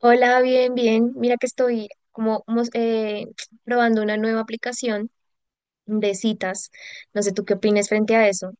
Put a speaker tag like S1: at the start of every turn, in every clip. S1: Hola, bien, bien. Mira que estoy como probando una nueva aplicación de citas. No sé tú qué opinas frente a eso,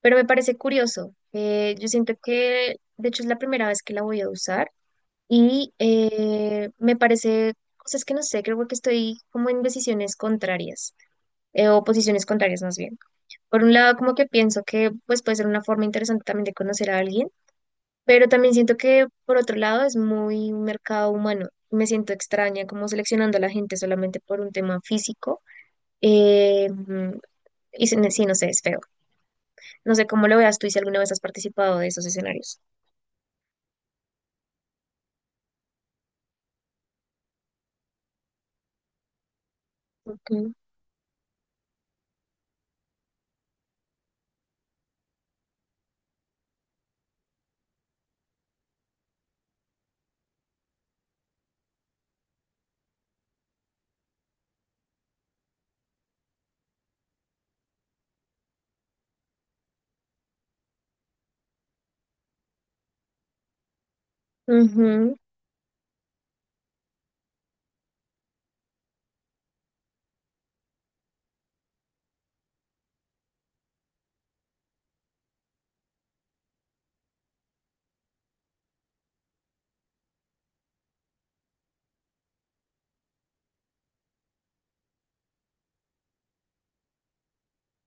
S1: pero me parece curioso. Yo siento que, de hecho, es la primera vez que la voy a usar y me parece cosas que no sé, creo que estoy como en decisiones contrarias o posiciones contrarias más bien. Por un lado, como que pienso que pues puede ser una forma interesante también de conocer a alguien, pero también siento que, por otro lado, es muy un mercado humano. Me siento extraña como seleccionando a la gente solamente por un tema físico. Eh, mm, sí, no sé, es feo. No sé cómo lo veas tú y si alguna vez has participado de esos escenarios. Okay. Ujú.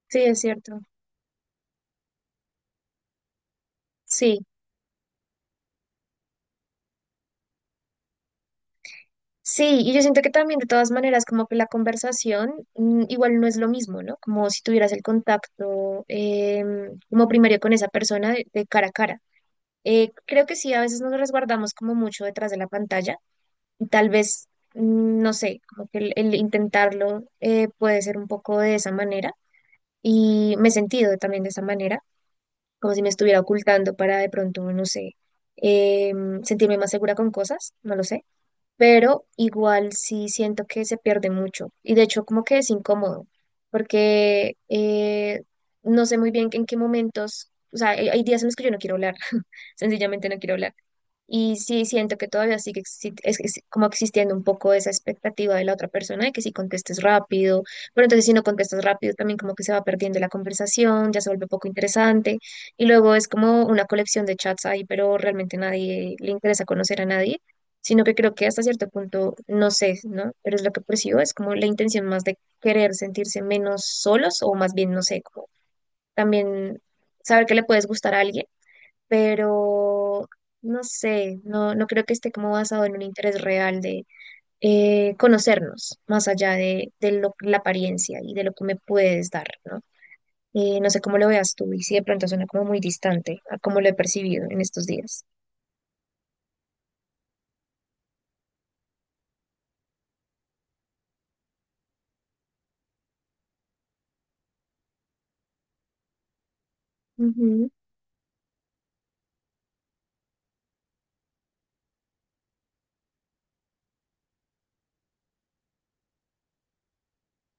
S1: Sí, es cierto. Sí. Sí, y yo siento que también de todas maneras como que la conversación igual no es lo mismo, ¿no? Como si tuvieras el contacto como primario con esa persona de cara a cara. Creo que sí, a veces nos resguardamos como mucho detrás de la pantalla y tal vez, no sé, como que el intentarlo puede ser un poco de esa manera y me he sentido también de esa manera, como si me estuviera ocultando para de pronto, no sé, eh, sentirme más segura con cosas, no lo sé, pero igual sí siento que se pierde mucho y de hecho como que es incómodo porque no sé muy bien en qué momentos, o sea, hay días en los que yo no quiero hablar, sencillamente no quiero hablar y sí, siento que todavía es como existiendo un poco esa expectativa de la otra persona de que si contestes rápido, pero entonces si no contestas rápido también como que se va perdiendo la conversación, ya se vuelve poco interesante y luego es como una colección de chats ahí, pero realmente nadie le interesa conocer a nadie, sino que creo que hasta cierto punto, no sé, ¿no? Pero es lo que percibo, es como la intención más de querer sentirse menos solos o más bien, no sé, como también saber que le puedes gustar a alguien, pero no sé, no creo que esté como basado en un interés real de conocernos, más allá de, la apariencia y de lo que me puedes dar, ¿no? No sé cómo lo veas tú y si de pronto suena como muy distante a cómo lo he percibido en estos días. Ujú,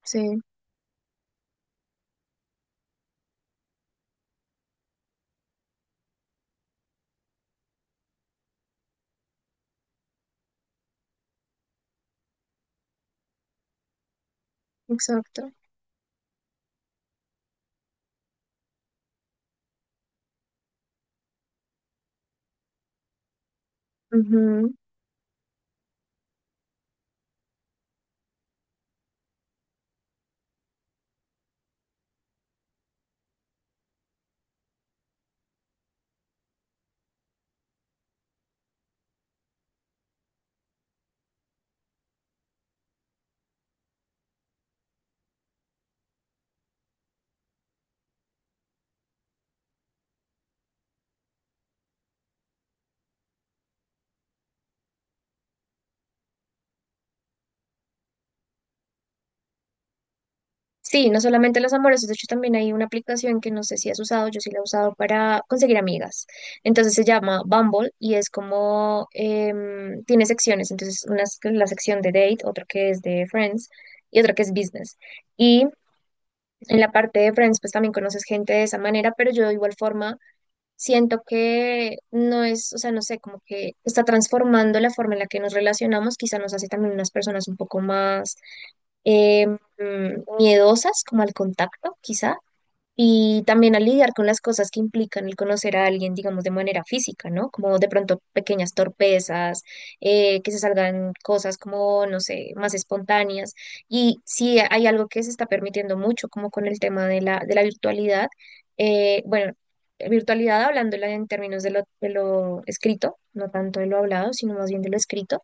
S1: sí, exacto. Sí, no solamente los amorosos, de hecho también hay una aplicación que no sé si has usado, yo sí la he usado para conseguir amigas. Entonces se llama Bumble y es como, tiene secciones, entonces una es la sección de date, otra que es de friends y otra que es business. Y en la parte de friends pues también conoces gente de esa manera, pero yo de igual forma siento que no es, o sea, no sé, como que está transformando la forma en la que nos relacionamos, quizá nos hace también unas personas un poco más eh, mm, miedosas como al contacto, quizá, y también a lidiar con las cosas que implican el conocer a alguien, digamos, de manera física, ¿no? Como de pronto pequeñas torpezas, que se salgan cosas como, no sé, más espontáneas. Y sí, hay algo que se está permitiendo mucho, como con el tema de la virtualidad. Bueno, virtualidad hablándola en términos de lo escrito, no tanto de lo hablado, sino más bien de lo escrito,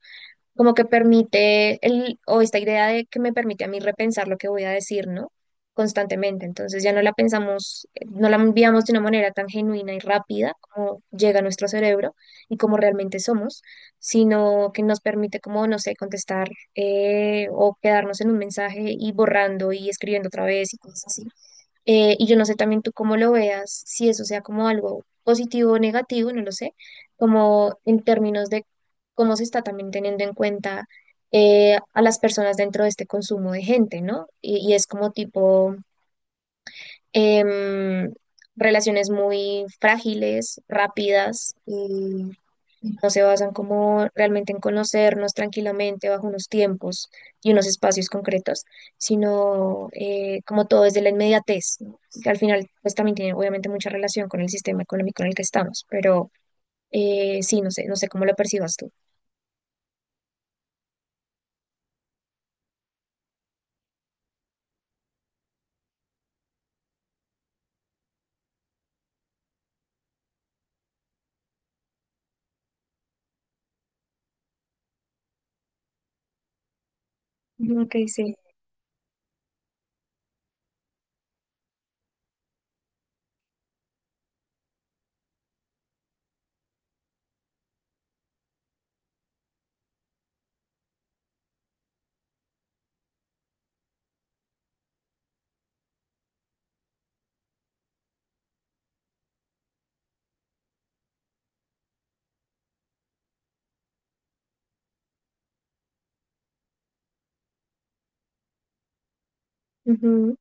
S1: como que permite el, o esta idea de que me permite a mí repensar lo que voy a decir, ¿no? Constantemente. Entonces ya no la pensamos, no la enviamos de una manera tan genuina y rápida como llega a nuestro cerebro y como realmente somos, sino que nos permite como, no sé, contestar o quedarnos en un mensaje y borrando y escribiendo otra vez y cosas así. Y yo no sé también tú cómo lo veas, si eso sea como algo positivo o negativo, no lo sé, como en términos de cómo se está también teniendo en cuenta a las personas dentro de este consumo de gente, ¿no? Y es como tipo em, relaciones muy frágiles, rápidas, no se basan como realmente en conocernos tranquilamente bajo unos tiempos y unos espacios concretos, sino como todo desde la inmediatez, ¿no? Que al final pues también tiene obviamente mucha relación con el sistema económico en el que estamos, pero sí, no sé, no sé cómo lo percibas tú. Ok, sí. Ujú.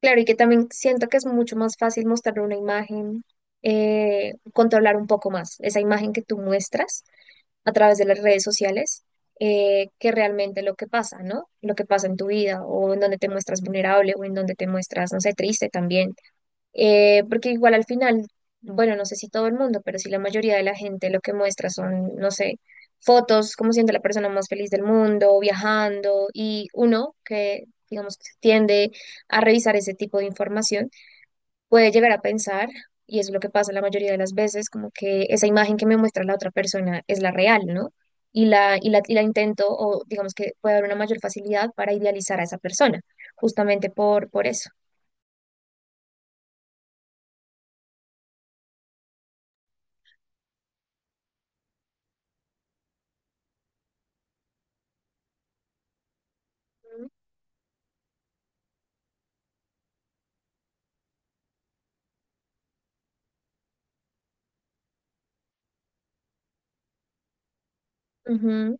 S1: Claro, y que también siento que es mucho más fácil mostrar una imagen, controlar un poco más esa imagen que tú muestras a través de las redes sociales, que realmente lo que pasa, ¿no? Lo que pasa en tu vida o en donde te muestras vulnerable o en donde te muestras, no sé, triste también. Porque igual al final, bueno, no sé si todo el mundo, pero si la mayoría de la gente lo que muestra son, no sé, fotos, cómo siente la persona más feliz del mundo, viajando y uno que, digamos, tiende a revisar ese tipo de información puede llegar a pensar, y es lo que pasa la mayoría de las veces, como que esa imagen que me muestra la otra persona es la real, ¿no? Y la intento, o digamos que puede haber una mayor facilidad para idealizar a esa persona, justamente por eso. Ujú,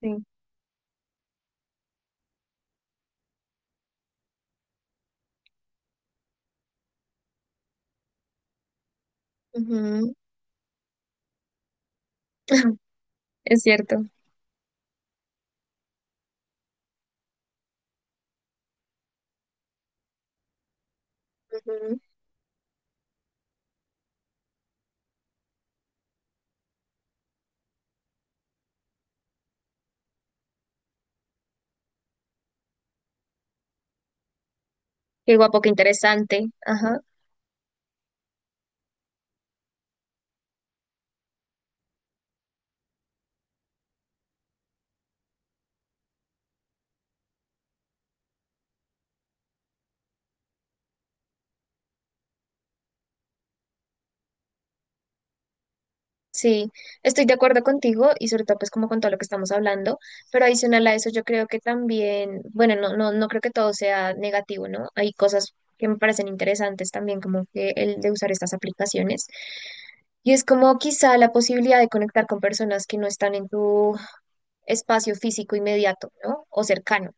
S1: sí, ujú. Es cierto. Ujú. Qué guapo, qué interesante. Ajá. Sí, estoy de acuerdo contigo y sobre todo pues como con todo lo que estamos hablando, pero adicional a eso yo creo que también, bueno, no creo que todo sea negativo, ¿no? Hay cosas que me parecen interesantes también, como que el de usar estas aplicaciones. Y es como quizá la posibilidad de conectar con personas que no están en tu espacio físico inmediato, ¿no? O cercano.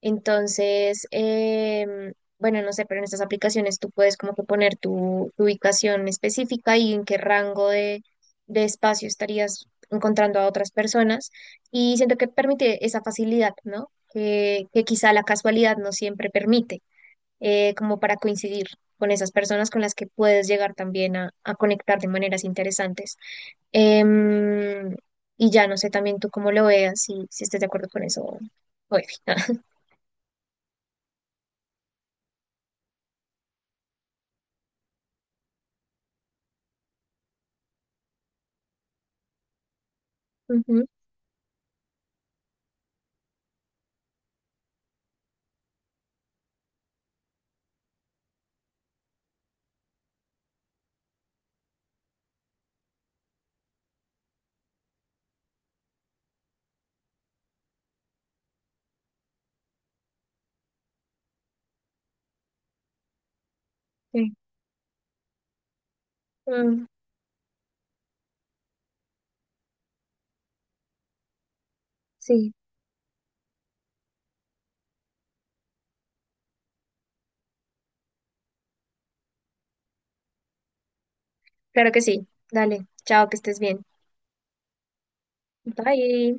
S1: Entonces, bueno, no sé, pero en estas aplicaciones tú puedes como que poner tu ubicación específica y en qué rango de espacio estarías encontrando a otras personas. Y siento que permite esa facilidad, ¿no? Que quizá la casualidad no siempre permite, como para coincidir con esas personas con las que puedes llegar también a conectar de maneras interesantes. Em, y ya no sé también tú cómo lo veas, si, si estés de acuerdo con eso. Oye. Ujú, sí. Mm, sí, claro que sí. Dale, chao, que estés bien. Bye.